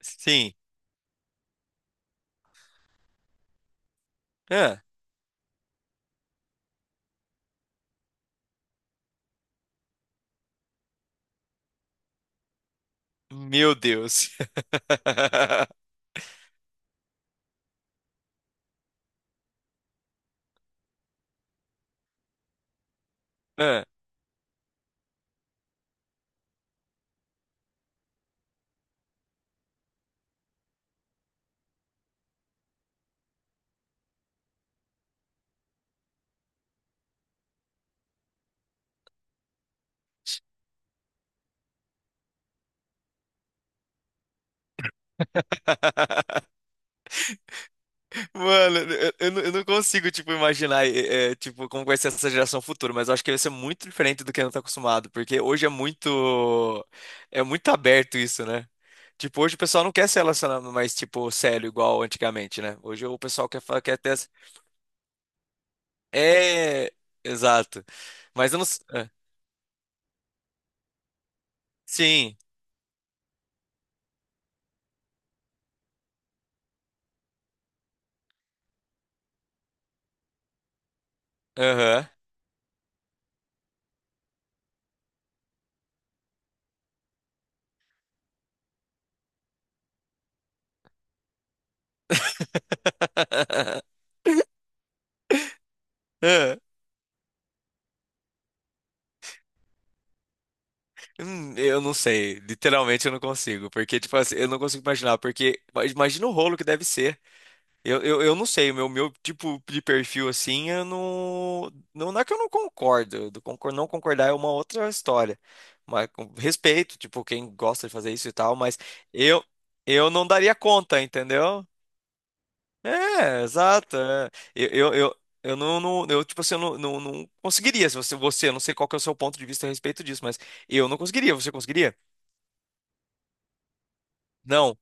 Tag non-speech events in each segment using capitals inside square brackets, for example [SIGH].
Sim. Ah, meu Deus. [LAUGHS] Ah. [LAUGHS] Mano, eu não consigo, tipo, imaginar, tipo, como vai ser essa geração futura, mas eu acho que vai ser muito diferente do que a gente tá acostumado, porque hoje é muito aberto isso, né? Tipo, hoje o pessoal não quer se relacionar mais, tipo, sério, igual antigamente, né? Hoje o pessoal quer ter. É, exato. Mas eu não. Sim, aham. [LAUGHS] Ah. Eu não sei, literalmente eu não consigo, porque, tipo assim, eu não consigo imaginar, porque mas imagina o rolo que deve ser. Eu não sei, o meu tipo de perfil assim, eu não, não. Não é que eu não concordo, eu não concordar é uma outra história. Mas com respeito, tipo, quem gosta de fazer isso e tal, mas eu, eu não daria conta, entendeu? É, exato. É. Eu, eu, eu, eu tipo assim, eu não conseguiria. Se você, você, eu não sei qual que é o seu ponto de vista a respeito disso, mas eu não conseguiria, você conseguiria? Não,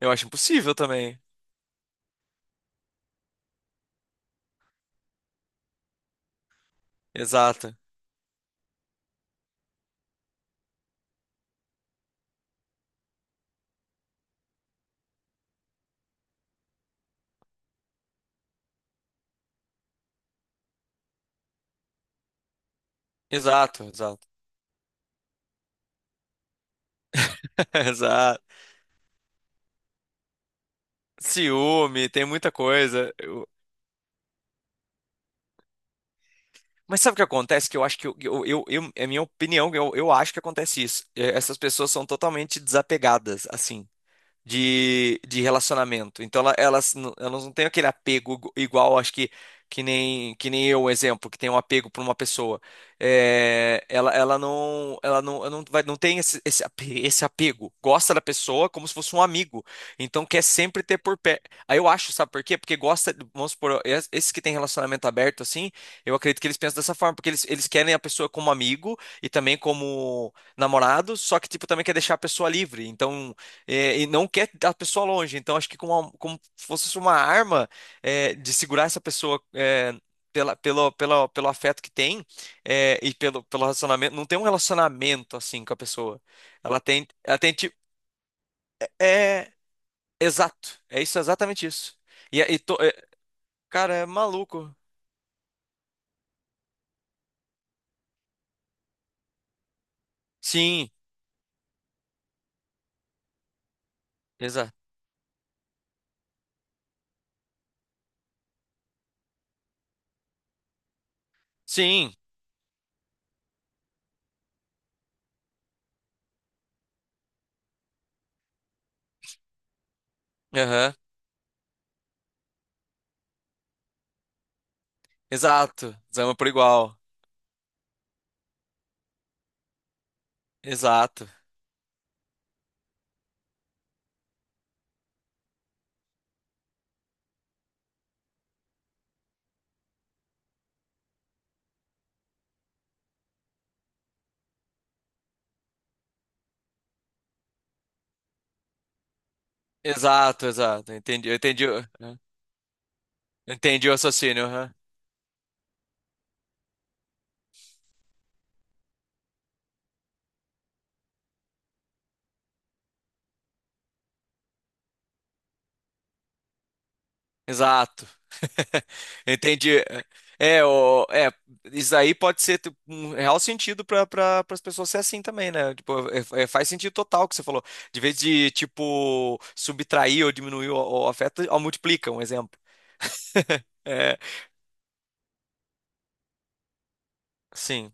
eu acho impossível também. Exato. Exato, exato. [LAUGHS] Exato. Ciúme, tem muita coisa. Mas sabe o que acontece? Que eu acho que é minha opinião, eu acho que acontece isso. Essas pessoas são totalmente desapegadas, assim, de relacionamento. Então elas não têm aquele apego igual, acho que que nem eu, um exemplo, que tem um apego por uma pessoa. Ela não tem esse esse apego. Gosta da pessoa como se fosse um amigo. Então quer sempre ter por pé. Aí eu acho, sabe por quê? Porque gosta, vamos supor, esses que têm relacionamento aberto assim, eu acredito que eles pensam dessa forma, porque eles querem a pessoa como amigo e também como namorado, só que tipo também quer deixar a pessoa livre. Então, e não quer a pessoa longe. Então, acho que com como fosse uma arma, de segurar essa pessoa, pelo afeto que tem, e pelo relacionamento. Não tem um relacionamento assim com a pessoa. Ela tem tipo, é exato. É isso, é exatamente isso. E, é, e to- é, Cara, é maluco. Sim, exato. Sim, aham, exato. Zama por igual. Exato. Exato, exato. Entendi o raciocínio. Aham. Exato. [LAUGHS] Entendi. É, o, é, isso aí pode ser tipo, um real sentido pras pessoas ser assim também, né? Tipo, faz sentido total o que você falou. De vez de, tipo, subtrair ou diminuir o afeto, ó, multiplica, um exemplo. [LAUGHS] É, sim,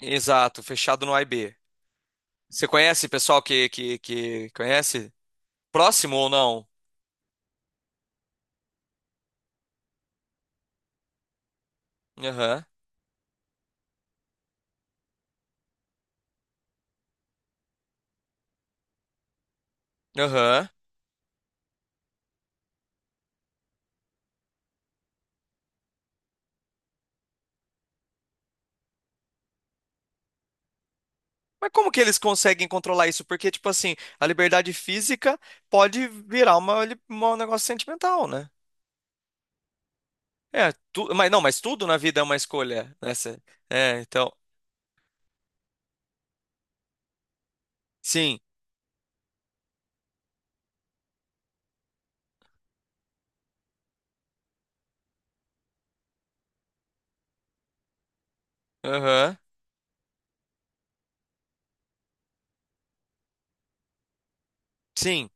exato, fechado no A e B. Você conhece pessoal que conhece? Próximo ou não? Aham, aham. Mas como que eles conseguem controlar isso? Porque, tipo assim, a liberdade física pode virar um negócio sentimental, né? É, mas não, mas tudo na vida é uma escolha, né? Cê- É, então, sim, aham, sim,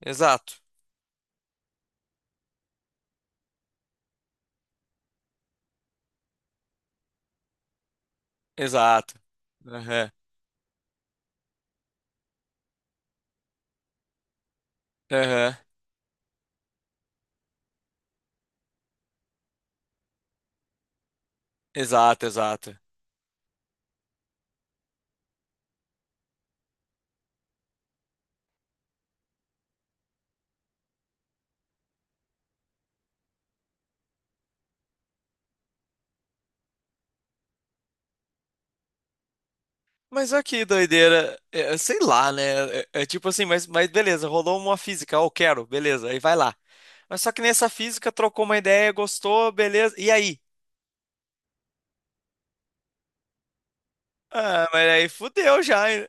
exato, exato, aham, aham, exato, exato. Mas olha que doideira, sei lá, né? É tipo assim, mas, beleza, rolou uma física, ó, eu quero, beleza, aí vai lá. Mas só que nessa física trocou uma ideia, gostou, beleza, e aí? Ah, mas aí fudeu já, hein?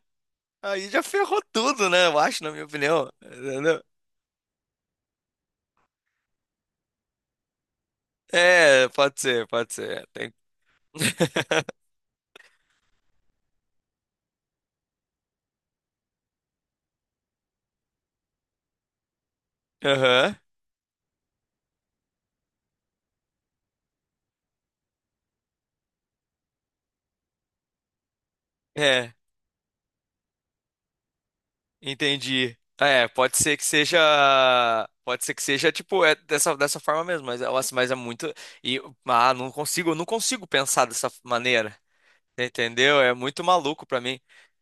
Aí já ferrou tudo, né? Eu acho, na minha opinião. Entendeu? É, pode ser, pode ser. Tem. Aham. É, entendi. Ah, é, pode ser que seja. Pode ser que seja, tipo, é dessa forma mesmo, mas, nossa, mas é muito. E, eu não consigo pensar dessa maneira. Entendeu? É muito maluco pra mim.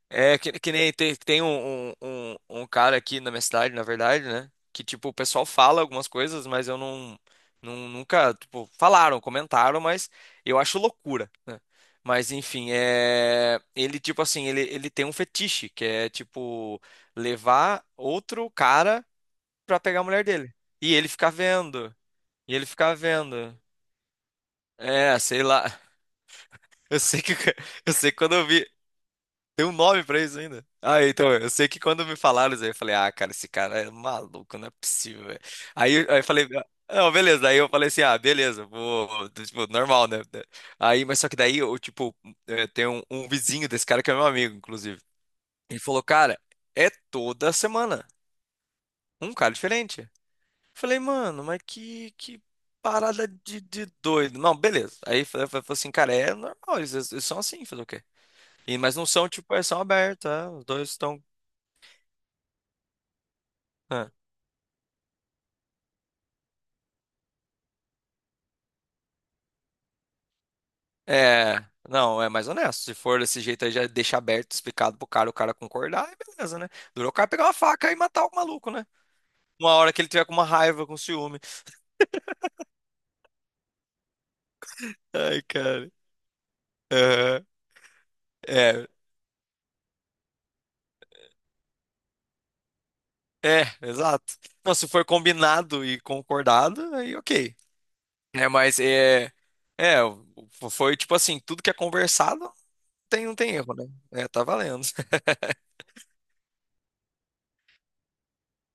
É que nem tem um cara aqui na minha cidade, na verdade, né? Que, tipo, o pessoal fala algumas coisas, mas eu não nunca, tipo, falaram, comentaram, mas eu acho loucura, né? Mas, enfim, ele, tipo assim, ele tem um fetiche, que é, tipo, levar outro cara pra pegar a mulher dele. E ele ficar vendo, e ele ficar vendo. É, sei lá. [LAUGHS] Eu sei que, [LAUGHS] eu sei que quando eu vi. Tem um nome pra isso ainda? Ah, então, eu sei que quando me falaram isso aí, eu falei, ah, cara, esse cara é maluco, não é possível, velho. Aí eu falei, ah, não, beleza. Aí eu falei assim, ah, beleza, vou, tipo, normal, né? Aí, mas só que daí, eu, tipo, tem um vizinho desse cara que é meu amigo, inclusive. Ele falou, cara, é toda semana, um cara diferente. Eu falei, mano, mas que parada de doido. Não, beleza. Aí eu falei assim, cara, é normal, eles são assim, fazer o quê? E, mas não são, tipo, são abertos, os dois estão. Ah, É, não, é mais honesto. Se for desse jeito aí, já deixa aberto, explicado pro cara, o cara concordar, e beleza, né? Durou o cara pegar uma faca e matar o maluco, né? Uma hora que ele tiver com uma raiva, com ciúme. Ai, cara. Aham. É, exato. Não, se for combinado e concordado, aí ok. É, mas é, o- foi tipo assim, tudo que é conversado, não tem erro, né? É, tá valendo. [LAUGHS]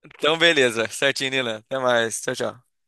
Então, beleza. Certinho, Nina. Até mais. Tchau, tchau.